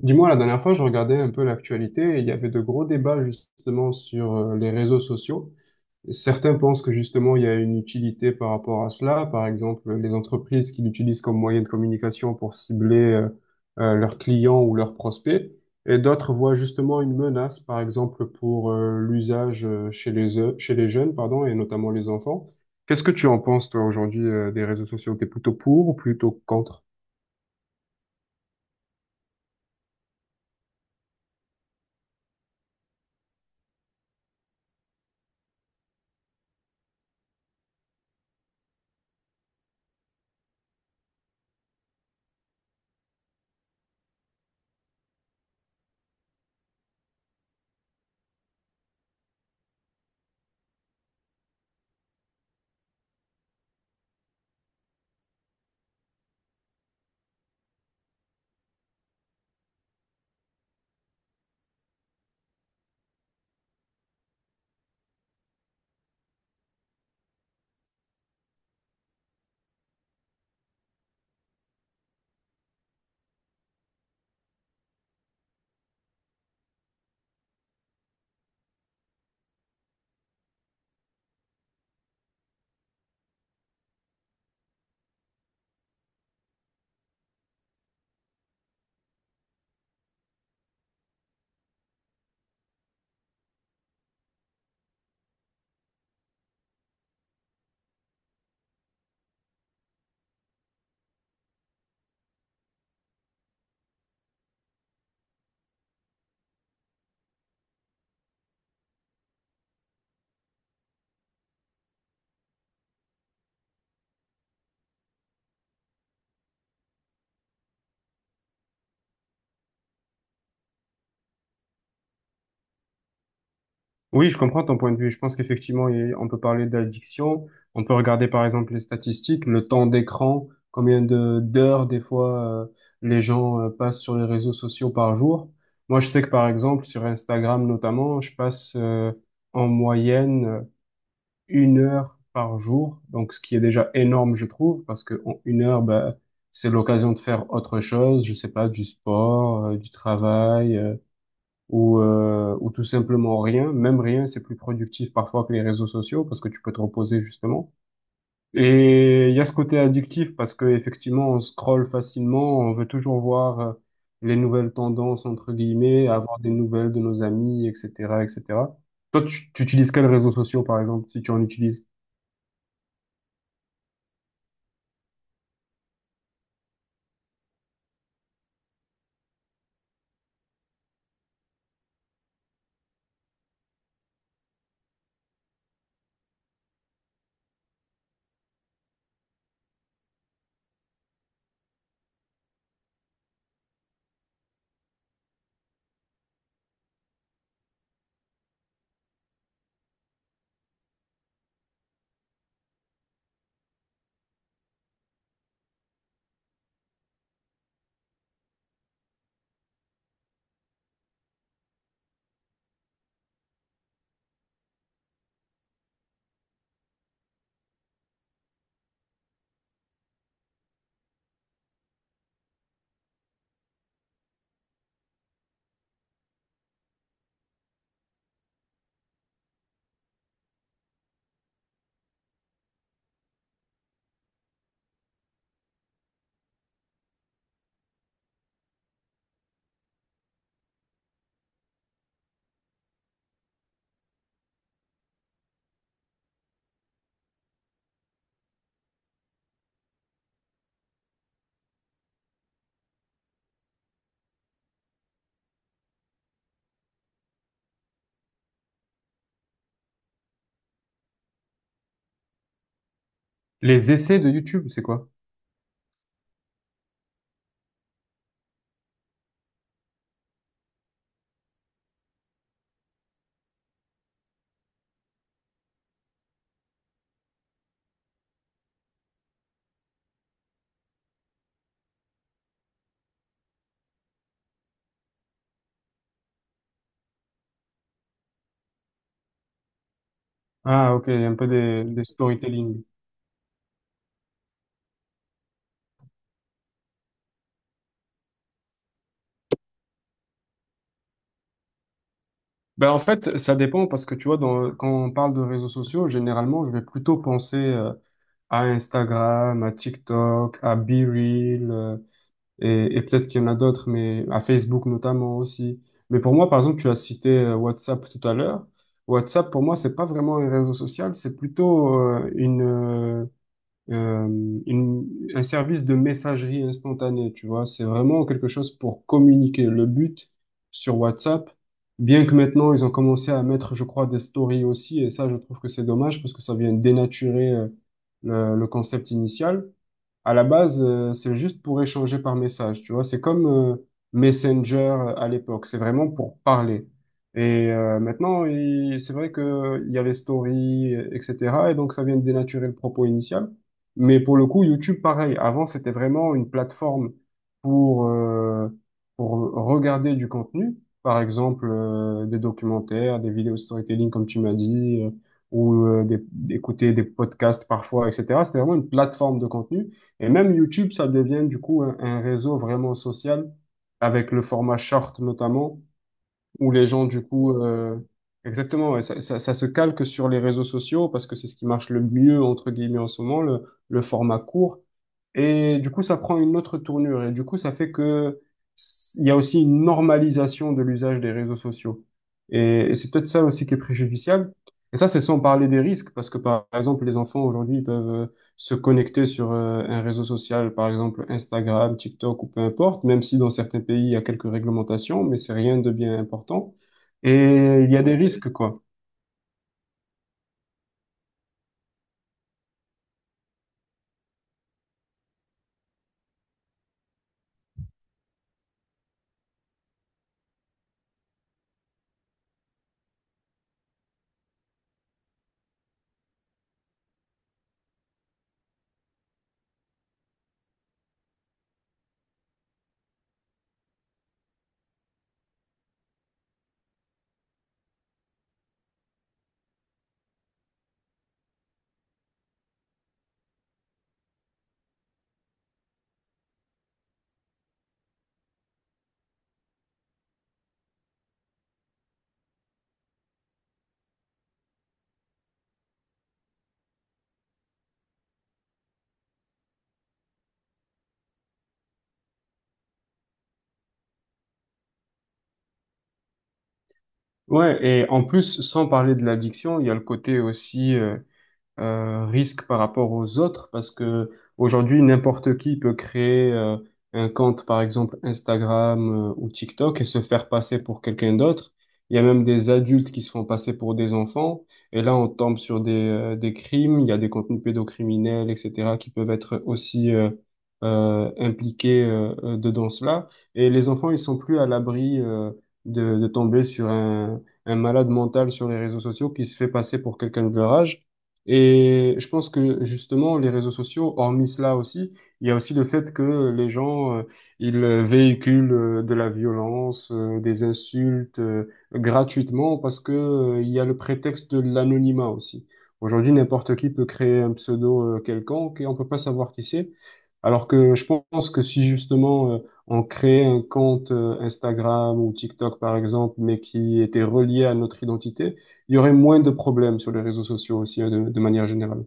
Dis-moi, la dernière fois, je regardais un peu l'actualité et il y avait de gros débats justement sur les réseaux sociaux. Certains pensent que justement il y a une utilité par rapport à cela. Par exemple, les entreprises qui l'utilisent comme moyen de communication pour cibler leurs clients ou leurs prospects. Et d'autres voient justement une menace, par exemple, pour l'usage chez chez les jeunes, pardon, et notamment les enfants. Qu'est-ce que tu en penses, toi, aujourd'hui, des réseaux sociaux? T'es plutôt pour ou plutôt contre? Oui, je comprends ton point de vue. Je pense qu'effectivement, on peut parler d'addiction. On peut regarder par exemple les statistiques, le temps d'écran, combien de d'heures des fois les gens passent sur les réseaux sociaux par jour. Moi, je sais que par exemple sur Instagram notamment, je passe en moyenne 1 heure par jour, donc ce qui est déjà énorme, je trouve, parce que en 1 heure, bah, c'est l'occasion de faire autre chose. Je sais pas, du sport, du travail, ou tout simplement rien. Même rien, c'est plus productif parfois que les réseaux sociaux parce que tu peux te reposer justement. Et il y a ce côté addictif parce que effectivement, on scrolle facilement, on veut toujours voir les nouvelles tendances entre guillemets, avoir des nouvelles de nos amis, etc., etc. Toi, tu utilises quels réseaux sociaux par exemple, si tu en utilises? Les essais de YouTube, c'est quoi? Ah, ok, il y a un peu des storytelling. Ben en fait, ça dépend parce que tu vois, quand on parle de réseaux sociaux, généralement, je vais plutôt penser à Instagram, à TikTok, à BeReal, et peut-être qu'il y en a d'autres, mais à Facebook notamment aussi. Mais pour moi, par exemple, tu as cité WhatsApp tout à l'heure. WhatsApp, pour moi, c'est pas vraiment un réseau social, c'est plutôt un service de messagerie instantanée, tu vois. C'est vraiment quelque chose pour communiquer. Le but sur WhatsApp, bien que maintenant ils ont commencé à mettre, je crois, des stories aussi, et ça, je trouve que c'est dommage parce que ça vient dénaturer le concept initial. À la base, c'est juste pour échanger par message, tu vois. C'est comme Messenger à l'époque. C'est vraiment pour parler. Et maintenant, c'est vrai que il y a les stories, etc. Et donc, ça vient de dénaturer le propos initial. Mais pour le coup, YouTube, pareil. Avant, c'était vraiment une plateforme pour euh, pour regarder du contenu, par exemple des documentaires, des vidéos de storytelling, comme tu m'as dit, ou d'écouter des podcasts parfois, etc. C'était vraiment une plateforme de contenu. Et même YouTube, ça devient du coup un réseau vraiment social, avec le format short notamment, où les gens du coup, exactement, ouais, ça se calque sur les réseaux sociaux parce que c'est ce qui marche le mieux entre guillemets en ce moment, le format court. Et du coup, ça prend une autre tournure. Et du coup, ça fait que il y a aussi une normalisation de l'usage des réseaux sociaux. Et c'est peut-être ça aussi qui est préjudiciable. Et ça, c'est sans parler des risques, parce que par exemple, les enfants aujourd'hui, ils peuvent se connecter sur un réseau social, par exemple Instagram, TikTok ou peu importe, même si dans certains pays, il y a quelques réglementations, mais c'est rien de bien important. Et il y a des, risques, quoi. Ouais, et en plus, sans parler de l'addiction, il y a le côté aussi, risque par rapport aux autres parce que aujourd'hui n'importe qui peut créer un compte par exemple Instagram ou TikTok et se faire passer pour quelqu'un d'autre. Il y a même des adultes qui se font passer pour des enfants et là on tombe sur des crimes, il y a des contenus pédocriminels, etc. qui peuvent être aussi impliqués dedans cela et les enfants ils sont plus à l'abri de tomber sur un malade mental sur les réseaux sociaux qui se fait passer pour quelqu'un de leur âge. Et je pense que justement, les réseaux sociaux, hormis cela aussi, il y a aussi le fait que les gens, ils véhiculent de la violence, des insultes gratuitement parce que, il y a le prétexte de l'anonymat aussi. Aujourd'hui, n'importe qui peut créer un pseudo quelconque et on peut pas savoir qui c'est. Alors que je pense que si justement on créait un compte Instagram ou TikTok par exemple, mais qui était relié à notre identité, il y aurait moins de problèmes sur les réseaux sociaux aussi, de manière générale.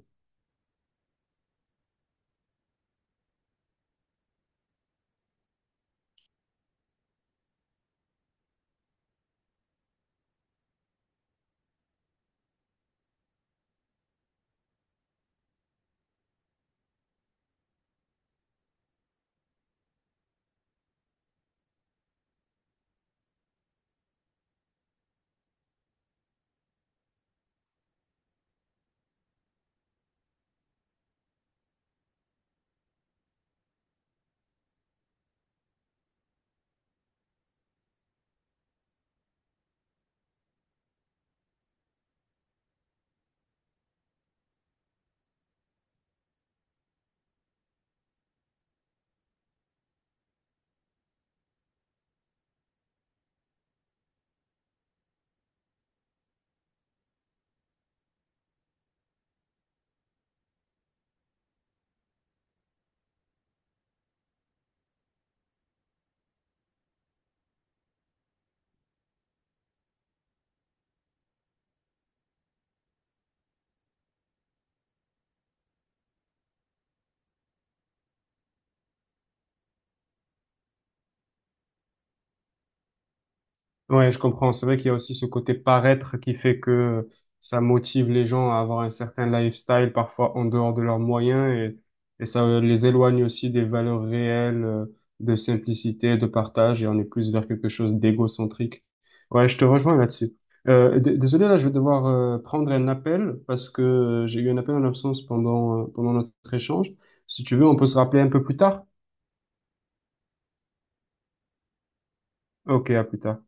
Ouais, je comprends. C'est vrai qu'il y a aussi ce côté paraître qui fait que ça motive les gens à avoir un certain lifestyle, parfois en dehors de leurs moyens, et ça les éloigne aussi des valeurs réelles, de simplicité, de partage, et on est plus vers quelque chose d'égocentrique. Ouais, je te rejoins là-dessus. Désolé, là, je vais devoir prendre un appel parce que j'ai eu un appel en absence pendant, pendant notre échange. Si tu veux, on peut se rappeler un peu plus tard. Ok, à plus tard.